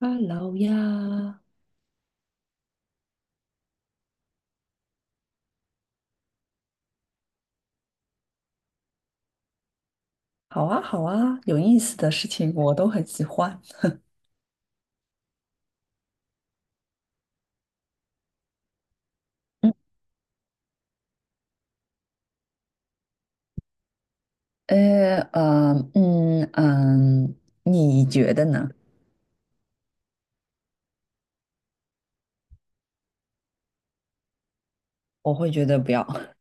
h e 呀，好啊，好啊，有意思的事情我都很喜欢。嗯，嗯，嗯嗯，你觉得呢？我会觉得不要。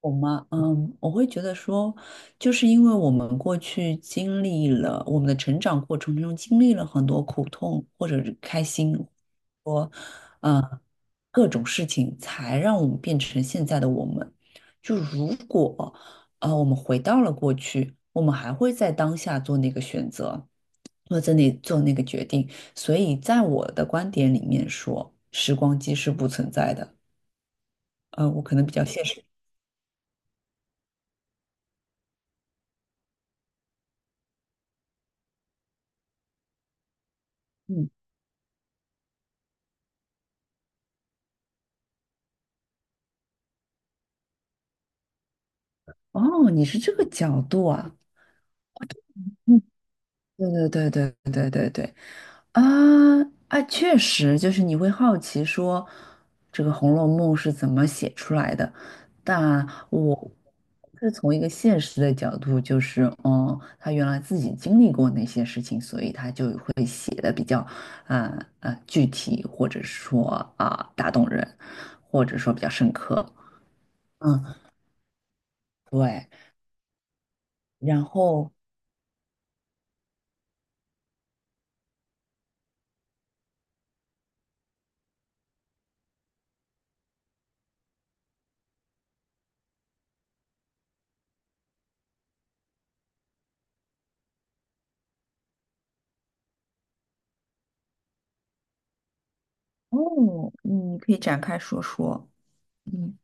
我吗？嗯，我会觉得说，就是因为我们过去经历了我们的成长过程中经历了很多苦痛或者是开心，说，呃，各种事情，才让我们变成现在的我们。就如果，啊，我们回到了过去，我们还会在当下做那个选择，或者做那个决定。所以，在我的观点里面说，时光机是不存在的。我可能比较现实。嗯。哦，你是这个角度啊。嗯，对对对对对对对啊啊，确实就是你会好奇说这个《红楼梦》是怎么写出来的，但我是从一个现实的角度，就是嗯，他原来自己经历过那些事情，所以他就会写的比较啊具体，或者说打动人，或者说比较深刻。嗯，对，然后哦，你可以展开说说。嗯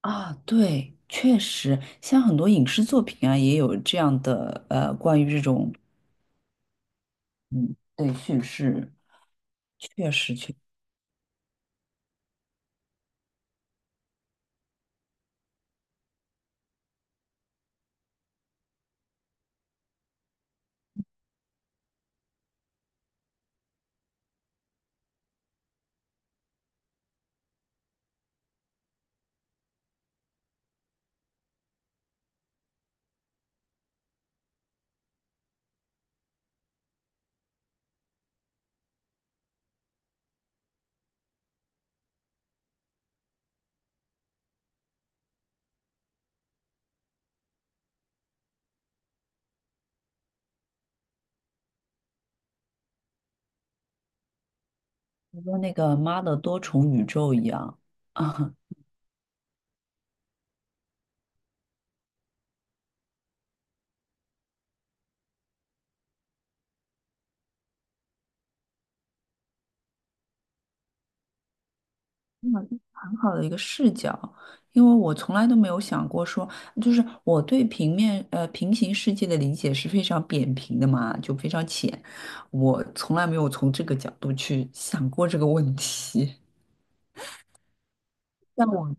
啊，对，确实，像很多影视作品啊，也有这样的关于这种嗯，对叙事，确实跟那个《妈的多重宇宙》一样啊，嗯很好的一个视角，因为我从来都没有想过说，就是我对平行世界的理解是非常扁平的嘛，就非常浅，我从来没有从这个角度去想过这个问题。像我。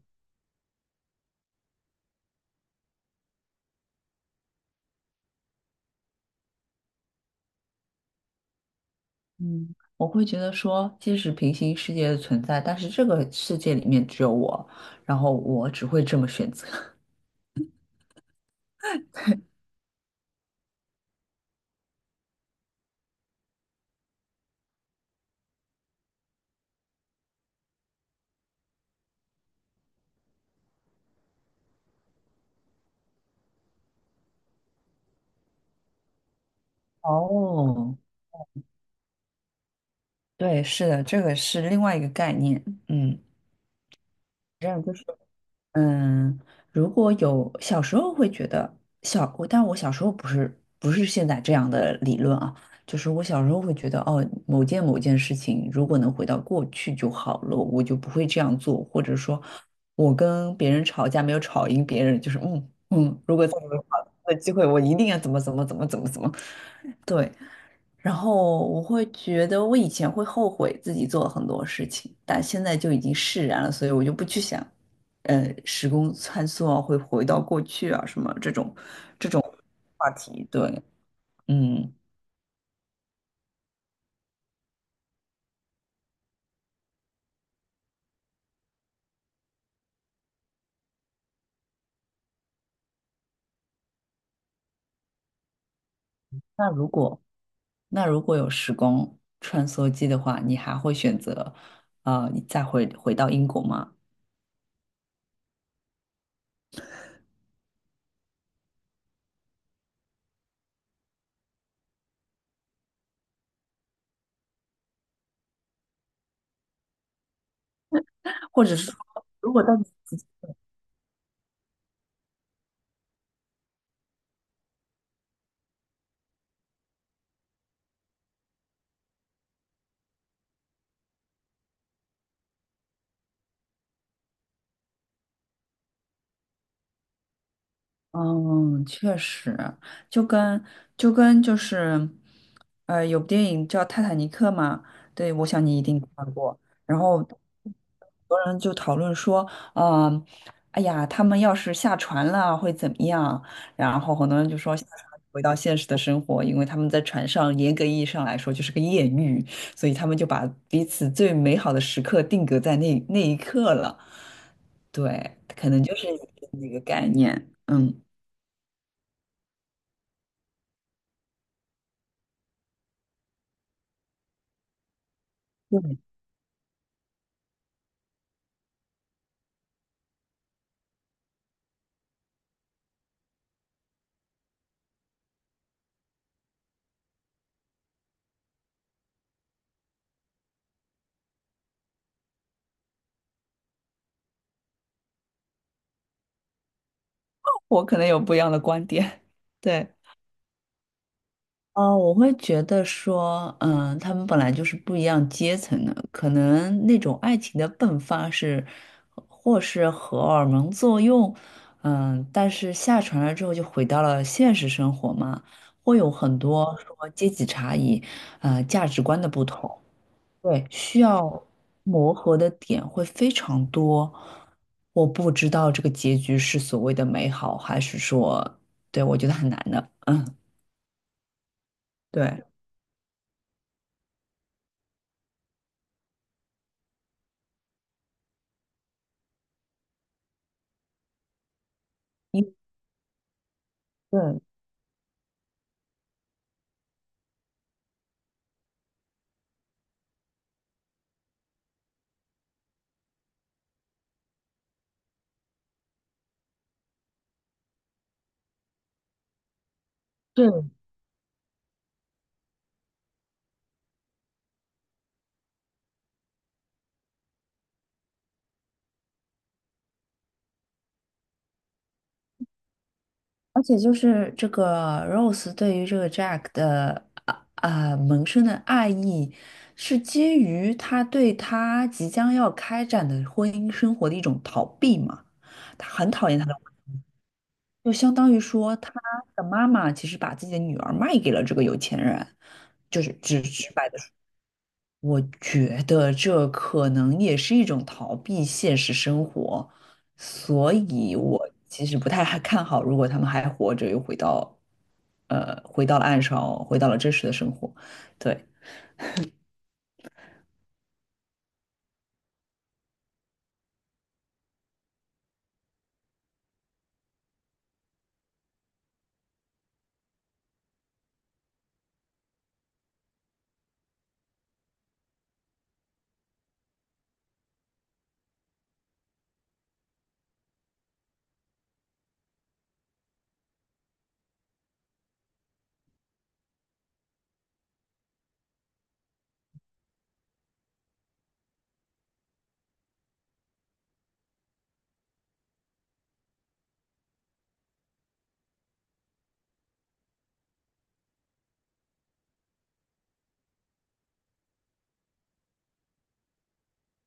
嗯，我会觉得说，即使平行世界的存在，但是这个世界里面只有我，然后我只会这么选择。哦，对，是的，这个是另外一个概念。嗯，这样就是。嗯，如果有小时候会觉得小，但我小时候不是现在这样的理论啊，就是我小时候会觉得哦，某件事情如果能回到过去就好了，我就不会这样做，或者说，我跟别人吵架没有吵赢别人，就是如果再有好的机会，我一定要怎么怎么怎么怎么怎么，对，然后我会觉得，我以前会后悔自己做了很多事情，但现在就已经释然了，所以我就不去想，时空穿梭啊，会回到过去啊，什么这种话题。对，嗯，那如果有时光穿梭机的话，你还会选择，再回到英国吗？或者是说，如果到你嗯，确实，就跟就跟就是，有部电影叫《泰坦尼克》嘛，对，我想你一定看过。然后很多人就讨论说，嗯，哎呀，他们要是下船了会怎么样？然后很多人就说下船回到现实的生活，因为他们在船上严格意义上来说就是个艳遇，所以他们就把彼此最美好的时刻定格在那一刻了。对，可能就是那个概念，嗯。我可能有不一样的观点。对，啊，我会觉得说，嗯，他们本来就是不一样阶层的，可能那种爱情的迸发是，或是荷尔蒙作用，嗯，但是下船了之后就回到了现实生活嘛，会有很多说阶级差异，价值观的不同。对，需要磨合的点会非常多。我不知道这个结局是所谓的美好，还是说，对，我觉得很难的。嗯，对，因对对，而且就是这个 Rose 对于这个 Jack 的萌生的爱意，是基于他对他即将要开展的婚姻生活的一种逃避嘛？他很讨厌他的。就相当于说，他的妈妈其实把自己的女儿卖给了这个有钱人，就是直白的说，我觉得这可能也是一种逃避现实生活，所以我其实不太还看好，如果他们还活着，又回到，回到了岸上，回到了真实的生活，对。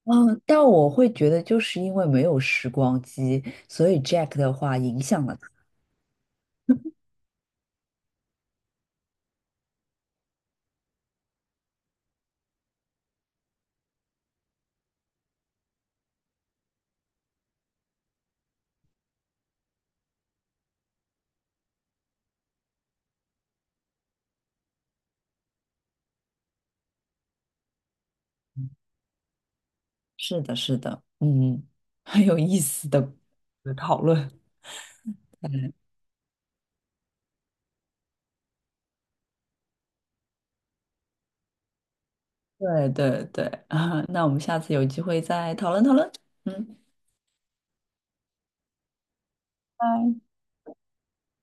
嗯，但我会觉得，就是因为没有时光机，所以 Jack 的话影响了他。是的，是的，嗯，很有意思的讨论。对对对啊，那我们下次有机会再讨论讨论。嗯，拜。